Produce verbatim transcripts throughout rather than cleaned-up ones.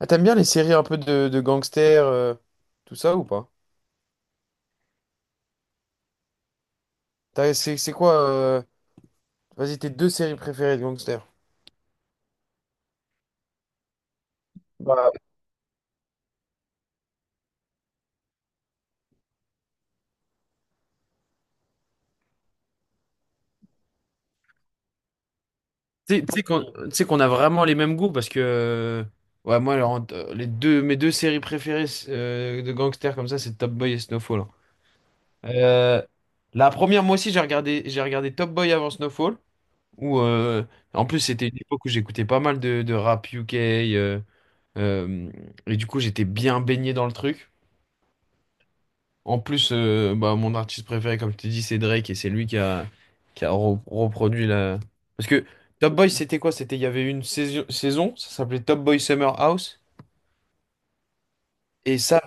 Ah, t'aimes bien les séries un peu de, de gangsters, euh, tout ça ou pas? T'as- C'est c'est quoi, euh, vas-y, tes deux séries préférées de gangsters? Bah, Tu sais tu sais qu'on tu sais qu'on a vraiment les mêmes goûts parce que euh, ouais moi alors, entre- les deux mes deux séries préférées euh, de gangsters comme ça c'est Top Boy et Snowfall, hein. Euh, la première moi aussi j'ai regardé j'ai regardé Top Boy avant Snowfall où euh, en plus c'était une époque où j'écoutais pas mal de, de rap U K euh, euh, et du coup j'étais bien baigné dans le truc. En plus, euh, bah, mon artiste préféré, comme je t'ai dit, c'est Drake, et c'est lui qui a, qui a re- reproduit la... Parce que Top Boy, c'était quoi? C'était, il y avait une saison, saison, ça s'appelait Top Boy Summer House, et ça,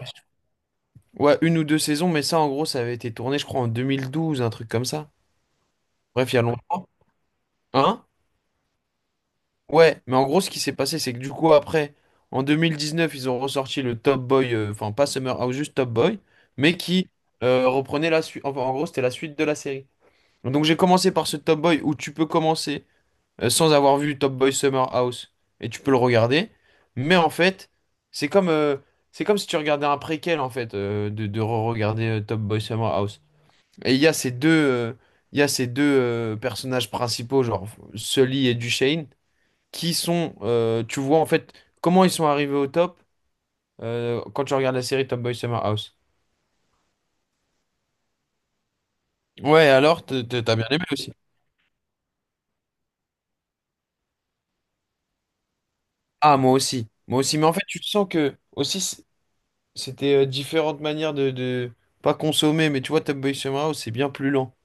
ouais, une ou deux saisons, mais ça, en gros, ça avait été tourné, je crois, en deux mille douze, un truc comme ça. Bref, il y a longtemps. Hein? Ouais, mais en gros, ce qui s'est passé, c'est que du coup, après, en deux mille dix-neuf, ils ont ressorti le Top Boy, euh, enfin, pas Summer House, juste Top Boy, mais qui euh, reprenait la suite, enfin, en gros, c'était la suite de la série. Donc j'ai commencé par ce Top Boy où tu peux commencer euh, sans avoir vu Top Boy Summer House et tu peux le regarder. Mais en fait, c'est comme, euh, c'est comme si tu regardais un préquel en fait euh, de, de re-regarder euh, Top Boy Summer House. Et il y a ces deux, euh, il y a ces deux euh, personnages principaux, genre Sully et Duchesne, qui sont, euh, tu vois en fait comment ils sont arrivés au top euh, quand tu regardes la série Top Boy Summer House. Ouais, alors t- t- t'as bien aimé aussi. Ah, moi aussi. Moi aussi. Mais en fait, tu sens que aussi. C'était euh, différentes manières de, de- pas consommer, mais tu vois, Top Boy Summer House, c'est bien plus lent.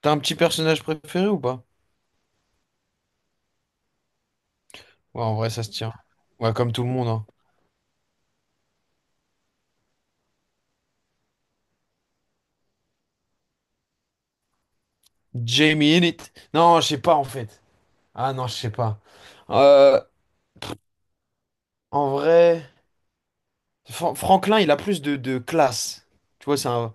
T'as un petit personnage préféré ou pas? Ouais, en vrai, ça se tient. Ouais, comme tout le monde, hein. Jamie in it. Non, je sais pas en fait. Ah non, je sais pas. Euh, En vrai, Fra- Franklin, il a plus de, de classe. Tu vois, c'est un.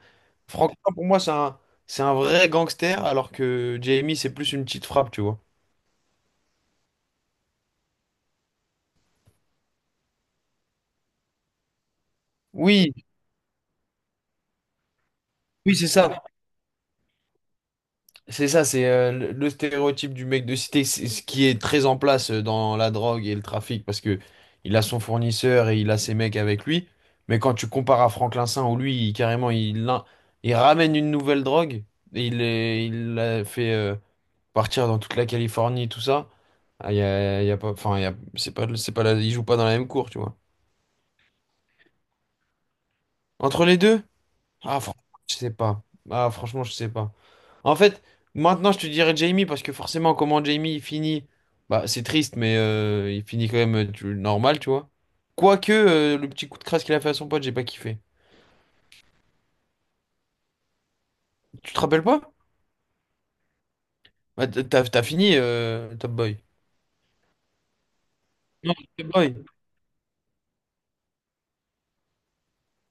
Franklin, pour moi, c'est un, c'est un vrai gangster, alors que Jamie, c'est plus une petite frappe, tu vois. Oui, oui, c'est ça. C'est ça, c'est euh, le le stéréotype du mec de cité, c'est ce qui est très en place euh, dans la drogue et le trafic, parce que il a son fournisseur et il a ses mecs avec lui. Mais quand tu compares à Franklin Saint, où lui, il- carrément, il, l'in- il ramène une nouvelle drogue, et il, est- il la fait euh, partir dans toute la Californie, tout ça. Ah, il y a, il y a pas, enfin, il y a- c'est pas, c'est pas la- il joue pas dans la même cour, tu vois. Entre les deux? Ah, franchement, je sais pas. Ah, franchement, je sais pas. En fait, maintenant, je te dirais Jamie parce que forcément, comment Jamie il finit, bah, c'est triste, mais euh, il finit quand même euh, tu- normal, tu vois. Quoique, euh, le petit coup de crasse qu'il a fait à son pote, j'ai pas kiffé. Tu te rappelles pas? Bah, t- t'as, t'as fini euh, Top Boy. Non, Top Boy.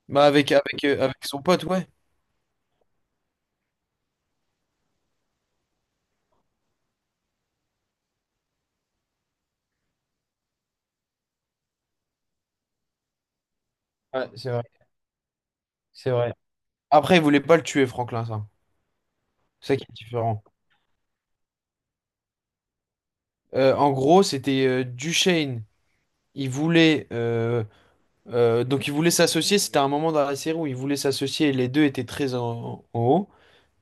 Bah, avec, avec, euh, avec son pote, ouais. Ouais, c'est vrai, c'est vrai. Après, il voulait pas le tuer, Franklin, ça. C'est ça qui est différent. Euh, en gros, c'était euh, Duchesne. Il voulait. Euh, Euh, donc ils voulaient s'associer, c'était un moment dans la série où ils voulaient s'associer et les deux étaient très en, en haut.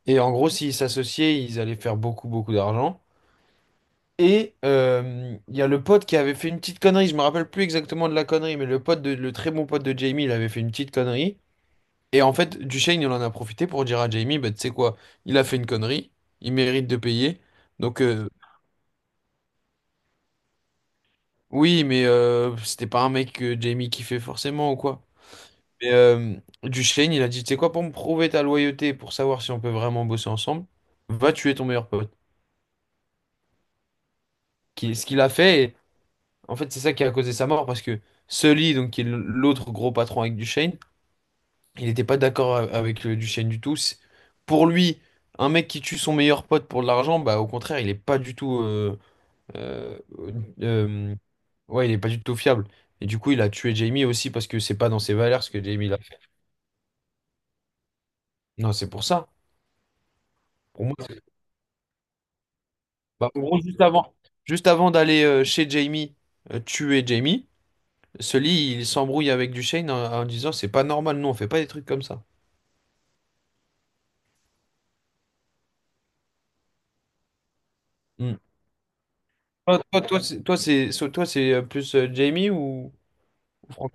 Et en gros, s'ils s'associaient, ils allaient faire beaucoup, beaucoup d'argent. Et euh, il y a le pote qui avait fait une petite connerie, je me rappelle plus exactement de la connerie, mais le pote de, le très bon pote de Jamie, il avait fait une petite connerie. Et en fait, Duchesne, il en a profité pour dire à Jamie, bah, tu sais quoi, il a fait une connerie, il mérite de payer. Donc euh, oui, mais euh, c'était pas un mec que Jamie kiffait forcément ou quoi. Mais euh, Duchesne, il a dit, tu sais quoi, pour me prouver ta loyauté, pour savoir si on peut vraiment bosser ensemble, va tuer ton meilleur pote. Qui- ce qu'il a fait, et en fait, c'est ça qui a causé sa mort, parce que Sully, donc, qui est l'autre gros patron avec Duchesne, il n'était pas d'accord a- avec euh, Duchesne du tout. C'est- Pour lui, un mec qui tue son meilleur pote pour de l'argent, bah, au contraire, il est pas du tout... euh, euh, euh, ouais, il est pas du tout fiable. Et du coup, il a tué Jamie aussi, parce que c'est pas dans ses valeurs ce que Jamie l'a fait. Non, c'est pour ça. Bah, en gros, juste avant, juste avant d'aller euh, chez Jamie, euh, tuer Jamie, Sully, il s'embrouille avec Duchesne en, en disant c'est pas normal, nous on fait pas des trucs comme ça. Mm. Toi, toi, toi, c'est toi, c'est so- toi, c'est, euh, plus euh, Jamie ou ou Frank?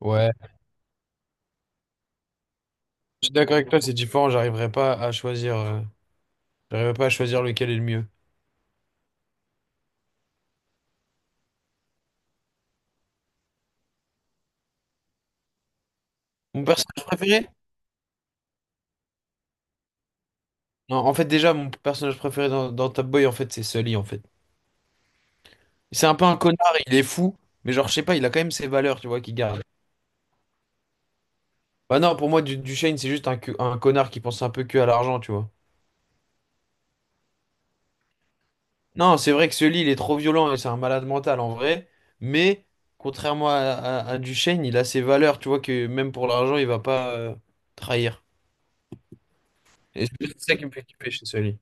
Ouais. Je suis d'accord avec toi, c'est différent, j'arriverai pas à choisir, euh, j'arriverai pas à choisir lequel est le mieux. Mon personnage préféré? Non, en fait déjà mon personnage préféré dans, dans Top Boy en fait c'est Sully en fait. C'est un peu un connard, il est fou, mais genre je sais pas, il a quand même ses valeurs, tu vois, qu'il garde. Bah non, pour moi, Du- Duchesne, c'est juste un, que- un connard qui pense un peu que à l'argent, tu vois. Non, c'est vrai que ce lit, il est trop violent et c'est un malade mental en vrai. Mais contrairement à, à, à Duchesne, il a ses valeurs, tu vois, que même pour l'argent, il va pas euh, trahir. Et c'est ça qui me fait kiffer chez ce lit.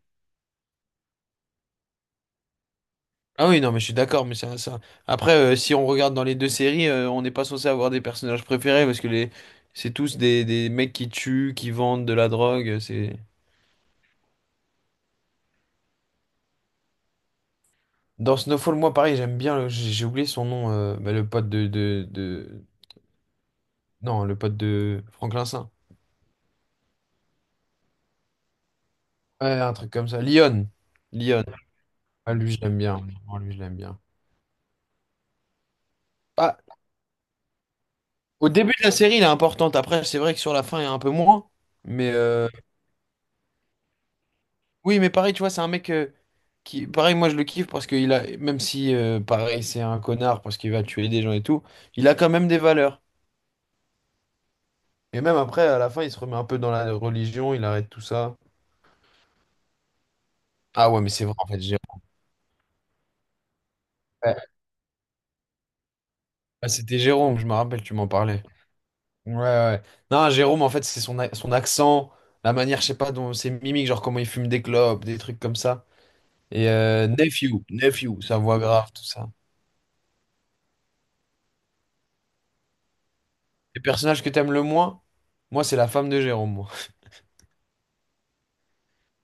Ah oui, non, mais je suis d'accord, mais ça, ça... Après, euh, si on regarde dans les deux séries, euh, on n'est pas censé avoir des personnages préférés parce que les... c'est tous des, des mecs qui tuent, qui vendent de la drogue. euh, C'est... Dans Snowfall, moi, pareil, j'aime bien, le- j'ai j'ai oublié son nom, euh, bah, le pote de, de, de, non, le pote de Franklin Saint. Ouais, un truc comme ça. Lyon. Lyon. Ah, lui, je l'aime bien. Vraiment, lui, je l'aime bien. Ah, au début de la série, il est importante. Après, c'est vrai que sur la fin, il est un peu moins. Mais euh, oui, mais pareil, tu vois, c'est un mec euh, qui. Pareil, moi, je le kiffe parce qu'il a. Même si, euh, pareil, c'est un connard parce qu'il va tuer des gens et tout, il a quand même des valeurs. Et même après, à la fin, il se remet un peu dans la religion, il arrête tout ça. Ah ouais, mais c'est vrai, en fait, Jérôme. Ouais. Ah, c'était Jérôme, je me rappelle, tu m'en parlais. Ouais, ouais. Non, Jérôme, en fait, c'est son, a- son accent, la manière, je sais pas, dont ses mimiques, genre comment il fume des clopes, des trucs comme ça. Et euh, Nephew, Nephew, sa voix grave, tout ça. Les personnages que t'aimes le moins, moi, c'est la femme de Jérôme, moi.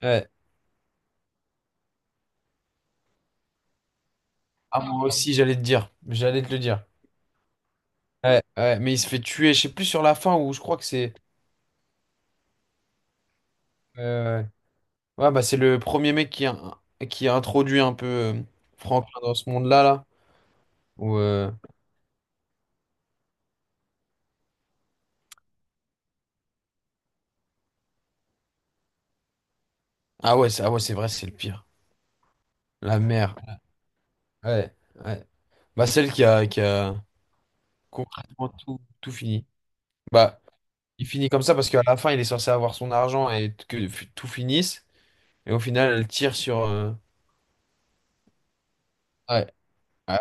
Ouais. Ah, moi aussi, j'allais te dire. J'allais te le dire. Ouais, ouais, mais il se fait tuer, je sais plus sur la fin où je crois que c'est. euh, ouais, bah, c'est le premier mec qui a, qui a introduit un peu euh, Franklin dans ce monde-là, là. Où, euh, ah ouais, c'est ah ouais, c'est vrai, c'est le pire. La mère. Ouais. Ouais. Bah, celle qui a, qui a concrètement tout, tout fini. Bah, il finit comme ça parce qu'à la fin, il est censé avoir son argent et que f- tout finisse. Et au final, elle tire sur. euh, Ouais. Ouais.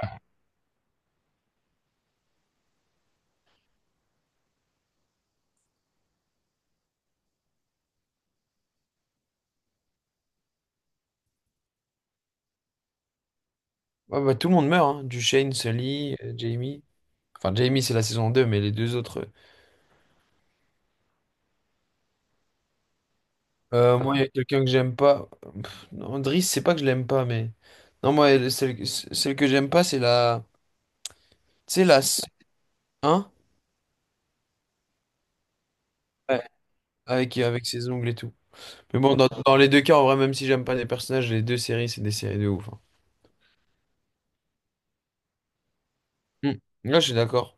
Ouais, bah, tout le monde meurt, hein. Dushane, Sully, euh, Jamie. Enfin, Jamie, c'est la saison deux mais les deux autres. euh. Euh, moi, il y a quelqu'un que j'aime pas. Pff, non, Driss, c'est pas que je l'aime pas, mais. Non, moi, elle- celle, celle que j'aime pas, c'est la. c'est la. s- Hein? Ouais. Avec, avec ses ongles et tout. Mais bon, dans, dans les deux cas, en vrai, même si j'aime pas les personnages, les deux séries, c'est des séries de ouf, hein. Mm. Là, je suis d'accord.